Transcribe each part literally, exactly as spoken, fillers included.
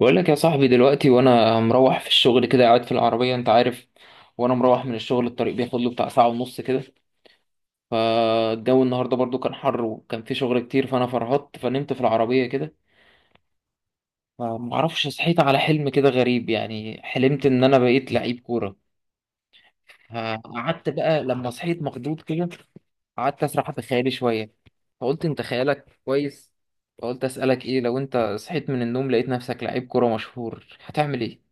بقول لك يا صاحبي دلوقتي وانا مروح في الشغل كده، قاعد في العربية انت عارف. وانا مروح من الشغل الطريق بياخد له بتاع ساعة ونص كده. فالجو النهاردة برضو كان حر وكان في شغل كتير، فانا فرهطت فنمت في العربية كده. فمعرفش صحيت على حلم كده غريب، يعني حلمت ان انا بقيت لعيب كورة. قعدت بقى لما صحيت مخضوض كده، قعدت اسرح في خيالي شوية. فقلت انت خيالك كويس. فقلت اسألك ايه، لو انت صحيت من النوم لقيت نفسك لعيب كورة مشهور هتعمل ايه؟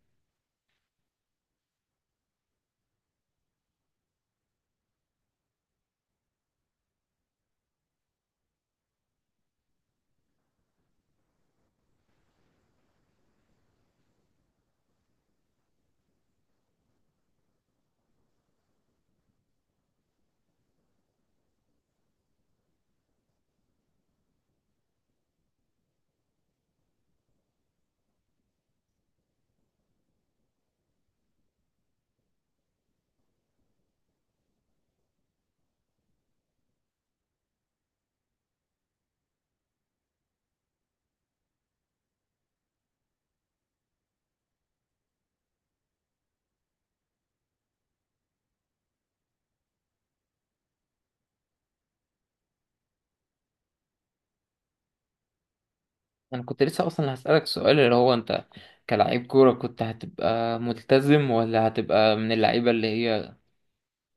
انا كنت لسه اصلا هسألك سؤال، اللي هو انت كلاعب كورة كنت هتبقى ملتزم ولا هتبقى من اللعيبة اللي هي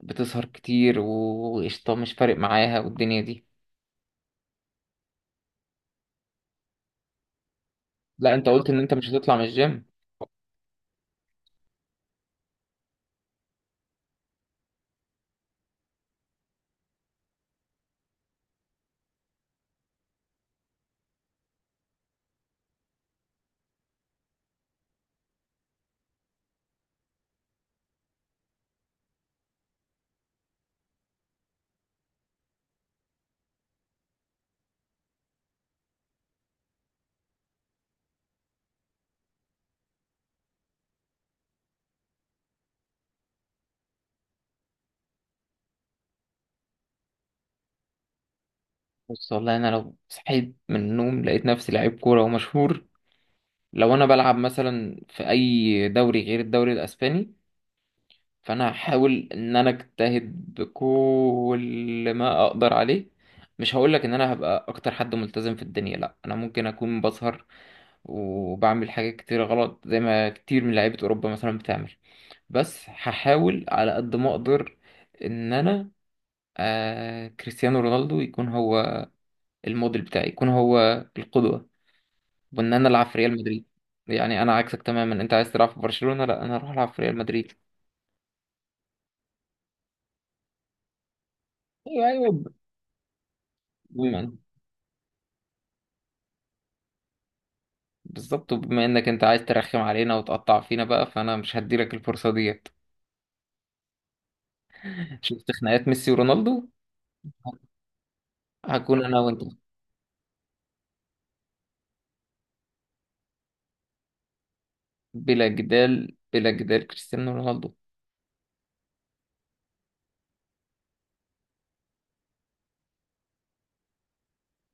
بتسهر كتير وقشطة مش فارق معاها والدنيا دي. لا انت قلت ان انت مش هتطلع من الجيم. بص، والله انا لو صحيت من النوم لقيت نفسي لعيب كورة ومشهور، لو انا بلعب مثلا في اي دوري غير الدوري الاسباني، فانا هحاول ان انا اجتهد بكل ما اقدر عليه. مش هقولك ان انا هبقى اكتر حد ملتزم في الدنيا، لا انا ممكن اكون بسهر وبعمل حاجات كتير غلط زي ما كتير من لعيبة أوروبا مثلا بتعمل، بس هحاول على قد ما أقدر إن أنا آه كريستيانو رونالدو يكون هو الموديل بتاعي، يكون هو القدوة، وإن أنا ألعب في ريال مدريد. يعني أنا عكسك تماما، أنت عايز تلعب في برشلونة، لا أنا أروح ألعب في ريال مدريد. أيوه، أيوه. بما- بالظبط، وبما إنك أنت عايز ترخم علينا وتقطع فينا بقى، فأنا مش هديلك الفرصة ديت. شفت خناقات ميسي ورونالدو؟ هكون أنا وأنت. بلا جدال، بلا جدال، كريستيانو رونالدو.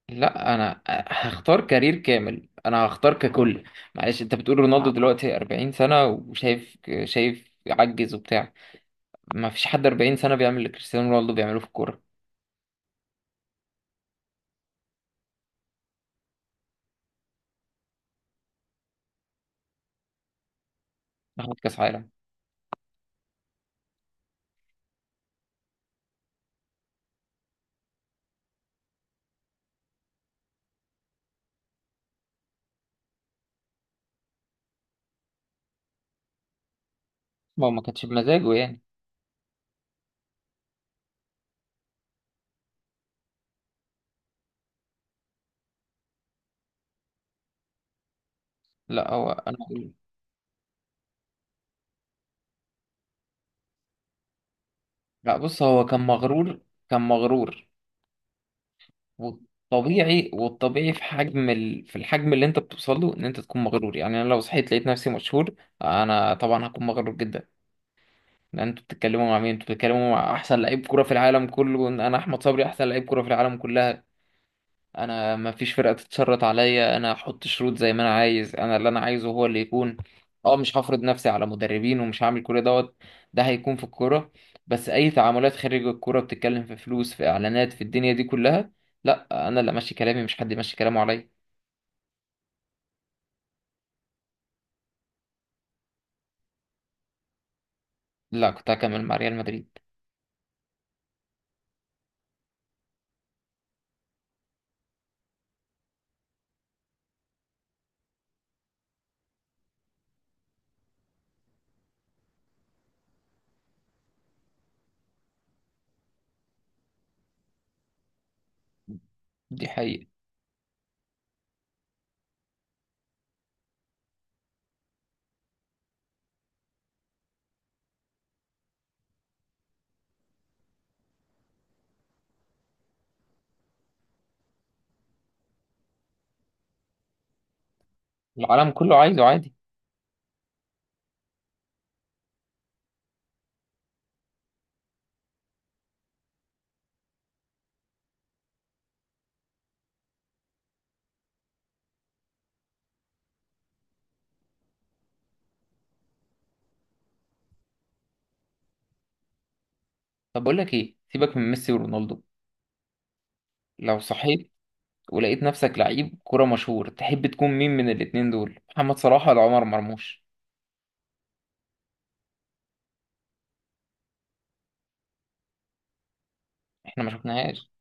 لا انا هختار كارير كامل، انا هختار ككل. معلش انت بتقول رونالدو دلوقتي أربعين سنة وشايف، شايف عجز وبتاع. ما فيش حد أربعين سنة بيعمل اللي كريستيانو رونالدو بيعمله في الكورة. ياخد كاس عالم. ما هو ما كانش بمزاجه يعني. لا هو انا. لا بص هو كان مغرور، كان مغرور. والطبيعي والطبيعي في حجم ال... في الحجم اللي انت بتوصل له، ان انت تكون مغرور. يعني انا لو صحيت لقيت نفسي مشهور انا طبعا هكون مغرور جدا. لان انتوا بتتكلموا مع مين؟ انتوا بتتكلموا مع احسن لعيب كرة في العالم كله. انا احمد صبري، احسن لعيب كرة في العالم كلها. انا ما فيش فرقة تتشرط عليا، انا احط شروط زي ما انا عايز، انا اللي انا عايزه هو اللي يكون. اه، مش هفرض نفسي على مدربين ومش هعمل كل دوت. ده هيكون في الكورة. بس اي تعاملات خارج الكورة، بتتكلم في فلوس في اعلانات في الدنيا دي كلها، لا انا اللي ماشي كلامي، مش حد ماشي كلامه عليا. لا كنت هكمل مع ريال مدريد. دي حقيقة. العالم كله عايزه عادي. طب بقول لك ايه، سيبك من ميسي ورونالدو، لو صحيت ولقيت نفسك لعيب كرة مشهور تحب تكون مين من الاتنين دول، محمد صلاح ولا عمر مرموش؟ احنا ما شفناهاش.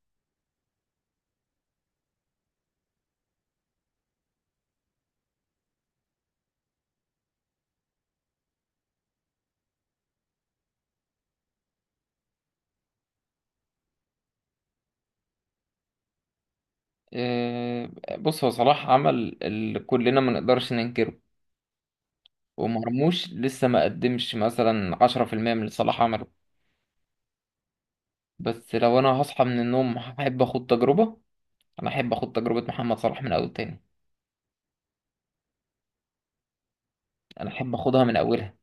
آه، بص هو صلاح عمل اللي كلنا ما نقدرش ننكره، ومرموش لسه ما قدمش مثلا عشرة في المية من اللي صلاح عمله. بس لو انا هصحى من النوم هحب اخد تجربة، انا احب اخد تجربة محمد صلاح من اول تاني. انا احب اخدها من اولها.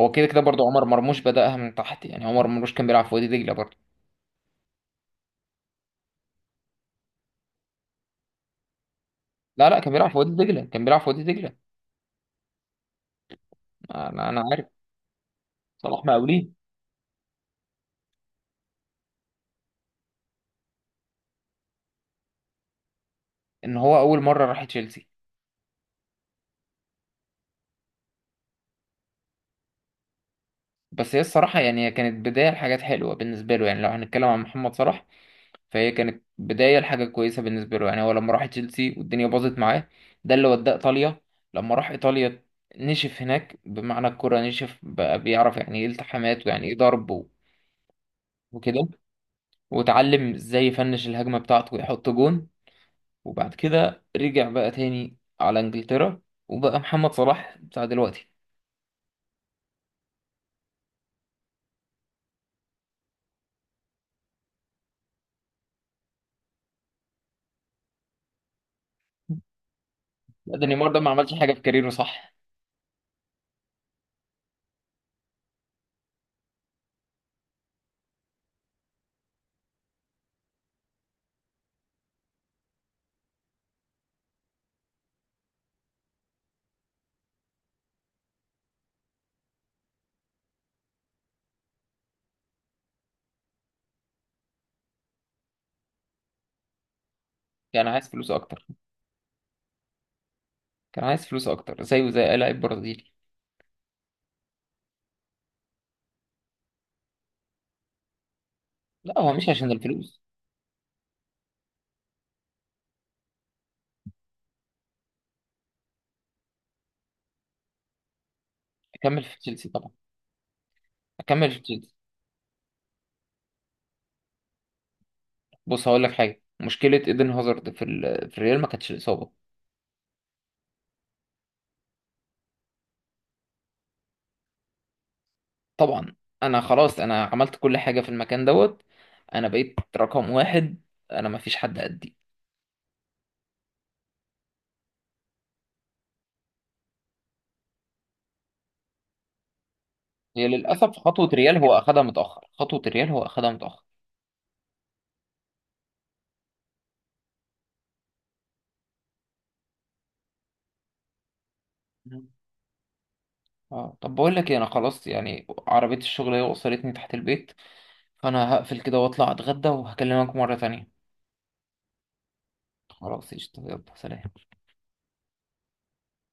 هو كده كده برضه عمر مرموش بدأها من تحت، يعني عمر مرموش كان بيلعب في وادي دجلة برضه. لا لا، كان بيلعب في وادي دجلة، كان بيلعب في وادي دجلة. انا انا عارف. صلاح مقاولين. ان هو اول مره راح تشيلسي. بس هي الصراحه يعني، هي كانت بدايه لحاجات حلوه بالنسبه له، يعني لو هنتكلم عن محمد صلاح فهي كانت بدايه لحاجه كويسه بالنسبه له. يعني هو لما راح تشيلسي والدنيا باظت معاه، ده اللي وداه ايطاليا. لما راح ايطاليا نشف هناك، بمعنى الكره نشف، بقى بيعرف يعني ايه التحامات، ويعني ايه ضرب و- وكده، وتعلم ازاي يفنش الهجمه بتاعته ويحط جون، وبعد كده رجع بقى تاني على انجلترا، وبقى محمد صلاح بتاع دلوقتي. لا ده نيمار ده ما عملش حاجه في كاريره صح. كان عايز فلوس اكتر، كان عايز فلوس اكتر زيه زي اي لاعب برازيلي. لا هو مش عشان الفلوس. اكمل في تشيلسي طبعا، اكمل في تشيلسي. بص هقول لك حاجه، مشكله ايدن هازارد في ال... في الريال ما كانتش الاصابه. طبعا انا خلاص، انا عملت كل حاجه في المكان دوت، انا بقيت رقم واحد، انا ما فيش حد قدي. هي للاسف خطوه ريال هو اخدها متاخر، خطوه ريال هو اخدها متاخر. مم. اه طب بقول لك ايه، انا خلاص يعني عربيه الشغل هي وصلتني تحت البيت، فانا هقفل كده واطلع اتغدى وهكلمك مره تانية. خلاص قشطه، يلا سلام.